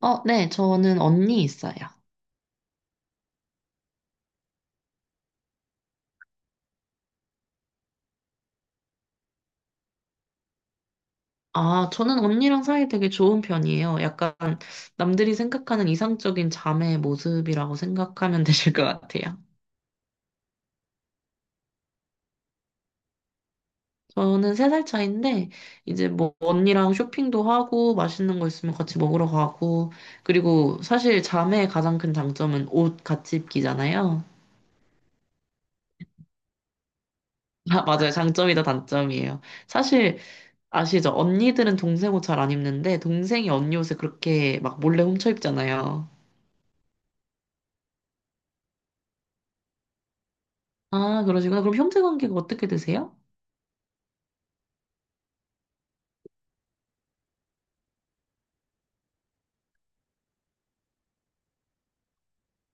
어, 네, 저는 언니 있어요. 아, 저는 언니랑 사이 되게 좋은 편이에요. 약간 남들이 생각하는 이상적인 자매의 모습이라고 생각하면 되실 것 같아요. 저는 세 살 차인데, 이제 뭐 언니랑 쇼핑도 하고, 맛있는 거 있으면 같이 먹으러 가고, 그리고 사실 자매의 가장 큰 장점은 옷 같이 입기잖아요. 아, 맞아요. 장점이다, 단점이에요. 사실 아시죠? 언니들은 동생 옷 잘 안 입는데, 동생이 언니 옷을 그렇게 막 몰래 훔쳐 입잖아요. 아, 그러시구나. 그럼 형제 관계가 어떻게 되세요?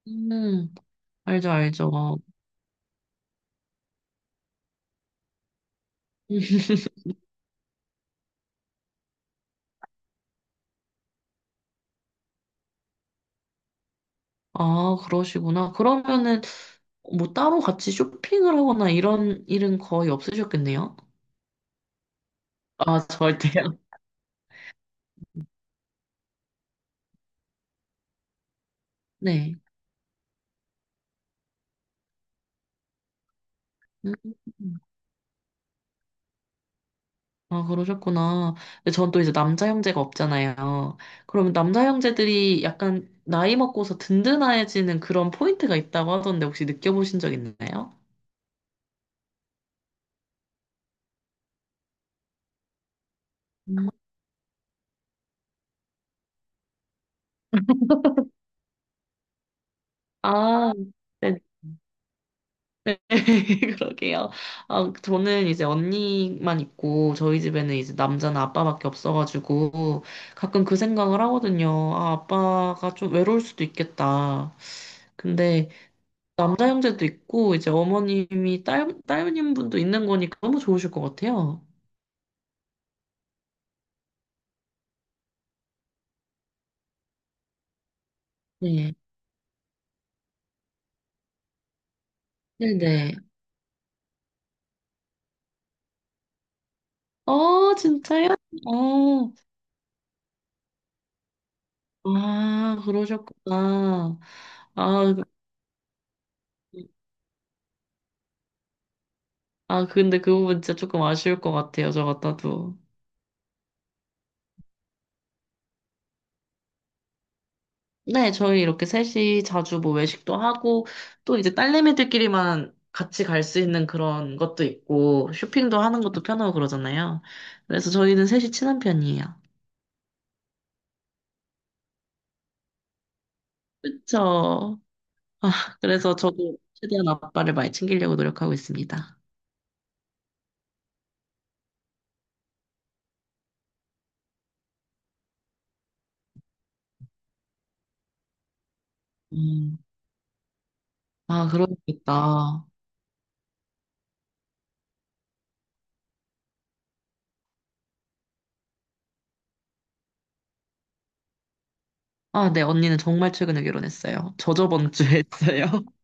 음, 알죠, 알죠. 아, 그러시구나. 그러면은 뭐 따로 같이 쇼핑을 하거나 이런 일은 거의 없으셨겠네요? 아, 절대요. 네. 음, 아, 그러셨구나. 근데 전 또 이제 남자 형제가 없잖아요. 그러면 남자 형제들이 약간 나이 먹고서 든든해지는 그런 포인트가 있다고 하던데 혹시 느껴보신 적 있나요? 음. 아, 네, 그러게요. 아, 저는 이제 언니만 있고, 저희 집에는 이제 남자는 아빠밖에 없어가지고, 가끔 그 생각을 하거든요. 아, 아빠가 좀 외로울 수도 있겠다. 근데 남자 형제도 있고, 이제 어머님이 딸, 딸님 분도 있는 거니까 너무 좋으실 것 같아요. 네. 네네. 어, 진짜요? 어, 아, 그러셨구나. 아, 그- 아, 근데 그 부분 진짜 조금 아쉬울 것 같아요, 저 같아도. 네, 저희 이렇게 셋이 자주 뭐 외식도 하고, 또 이제 딸내미들끼리만 같이 갈 수 있는 그런 것도 있고, 쇼핑도 하는 것도 편하고 그러잖아요. 그래서 저희는 셋이 친한 편이에요. 그쵸. 아, 그래서 저도 최대한 아빠를 많이 챙기려고 노력하고 있습니다. 음, 아, 그러겠다. 아, 네, 언니는 정말 최근에 결혼했어요. 저 저번 주에 했어요.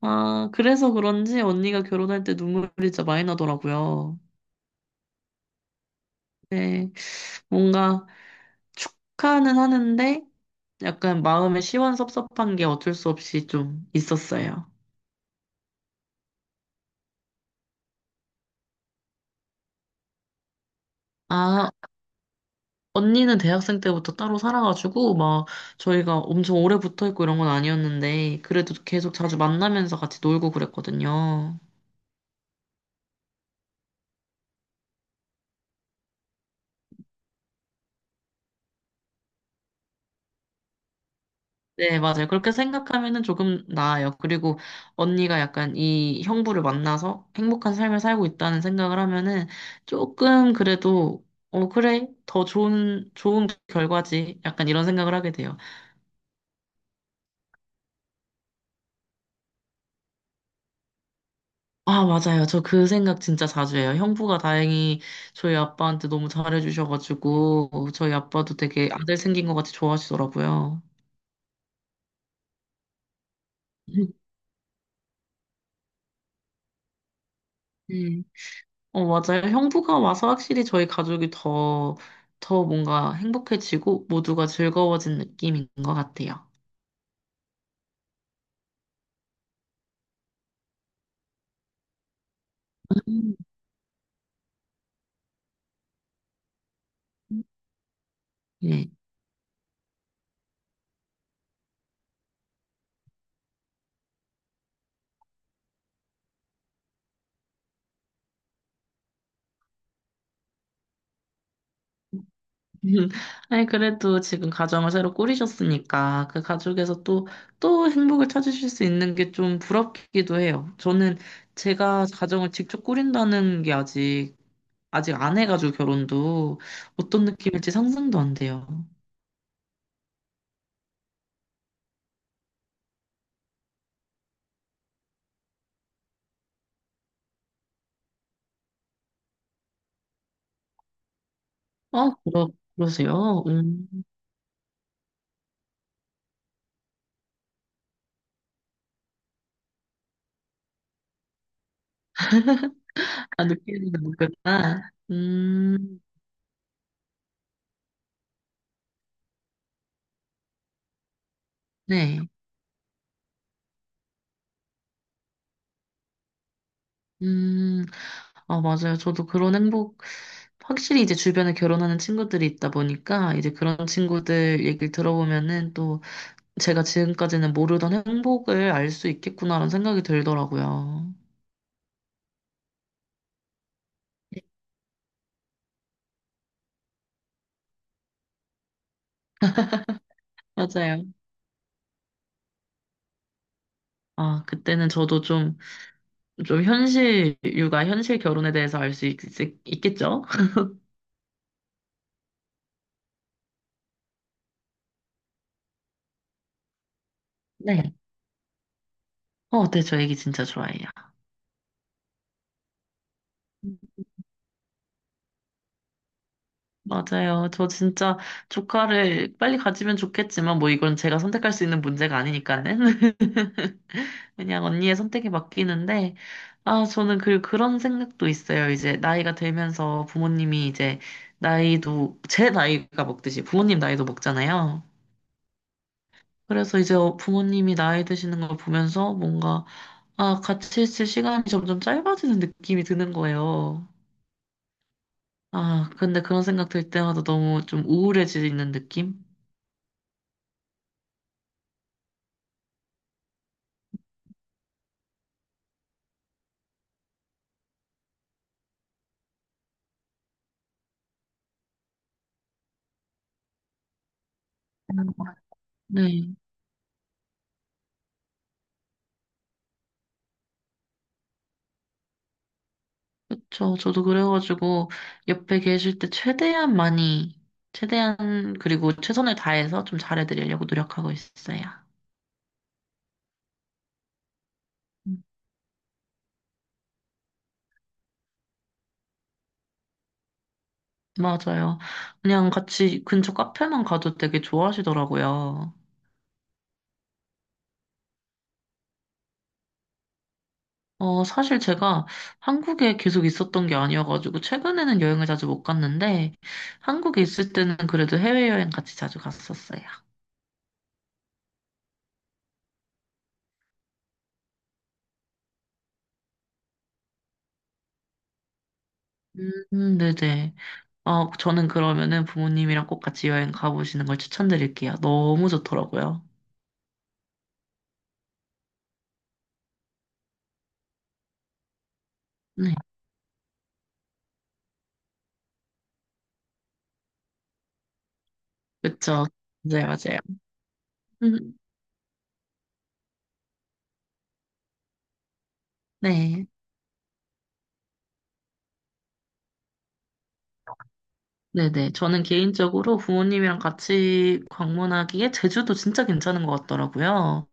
아, 그래서 그런지 언니가 결혼할 때 눈물이 진짜 많이 나더라고요. 네, 뭔가, 축하는 하는데 약간 마음에 시원섭섭한 게 어쩔 수 없이 좀 있었어요. 아, 언니는 대학생 때부터 따로 살아가지고 막 저희가 엄청 오래 붙어 있고 이런 건 아니었는데 그래도 계속 자주 만나면서 같이 놀고 그랬거든요. 네, 맞아요. 그렇게 생각하면은 조금 나아요. 그리고 언니가 약간 이 형부를 만나서 행복한 삶을 살고 있다는 생각을 하면은 조금 그래도 어, 그래. 더 좋은, 좋은 결과지. 약간 이런 생각을 하게 돼요. 아, 맞아요. 저 그 생각 진짜 자주 해요. 형부가 다행히 저희 아빠한테 너무 잘해주셔가지고, 저희 아빠도 되게 아들 생긴 것 같이 좋아하시더라고요. 음, 음. 어, 맞아요. 형부가 와서 확실히 저희 가족이 더, 더 뭔가 행복해지고, 모두가 즐거워진 느낌인 것 같아요. 음. 네. 음, 아니, 그래도 지금 가정을 새로 꾸리셨으니까 그 가족에서 또, 또 행복을 찾으실 수 있는 게 좀 부럽기도 해요. 저는 제가 가정을 직접 꾸린다는 게 아직, 아직 안 해가지고 결혼도 어떤 느낌일지 상상도 안 돼요. 어, 그러, 그러세요? 아, 느끼는 거구나. 네. 음, 아, 맞아요. 저도 그런 행복, 확실히 이제 주변에 결혼하는 친구들이 있다 보니까 이제 그런 친구들 얘기를 들어보면은 또 제가 지금까지는 모르던 행복을 알 수 있겠구나라는 생각이 들더라고요. 맞아요. 아, 그때는 저도 좀, 좀 현실, 육아, 현실 결혼에 대해서 알 수 있겠죠? 네. 어, 네, 저 얘기 진짜 좋아해요. 맞아요. 저 진짜 조카를 빨리 가지면 좋겠지만 뭐 이건 제가 선택할 수 있는 문제가 아니니까는. 그냥 언니의 선택에 맡기는데, 아, 저는 그, 그런 생각도 있어요. 이제 나이가 들면서 부모님이 이제 나이도, 제 나이가 먹듯이 부모님 나이도 먹잖아요. 그래서 이제 어, 부모님이 나이 드시는 걸 보면서 뭔가, 아, 같이 있을 시간이 점점 짧아지는 느낌이 드는 거예요. 아, 근데 그런 생각 들 때마다 너무 좀 우울해지는 느낌? 네. 그쵸. 저도 그래가지고 옆에 계실 때 최대한 많이, 최대한 그리고 최선을 다해서 좀 잘해드리려고 노력하고 있어요. 음, 맞아요. 그냥 같이 근처 카페만 가도 되게 좋아하시더라고요. 어, 사실 제가 한국에 계속 있었던 게 아니어가지고 최근에는 여행을 자주 못 갔는데 한국에 있을 때는 그래도 해외여행 같이 자주 갔었어요. 네네. 아, 저는 그러면은 부모님이랑 꼭 같이 여행 가보시는 걸 추천드릴게요. 너무 좋더라고요. 네, 그쵸. 맞아요, 맞아요. 음, 네, 네네. 저는 개인적으로 부모님이랑 같이 방문하기에 제주도 진짜 괜찮은 것 같더라고요.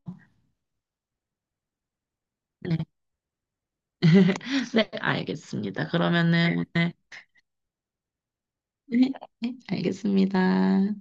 네, 네, 알겠습니다. 그러면은, 네, 네, 네, 알겠습니다.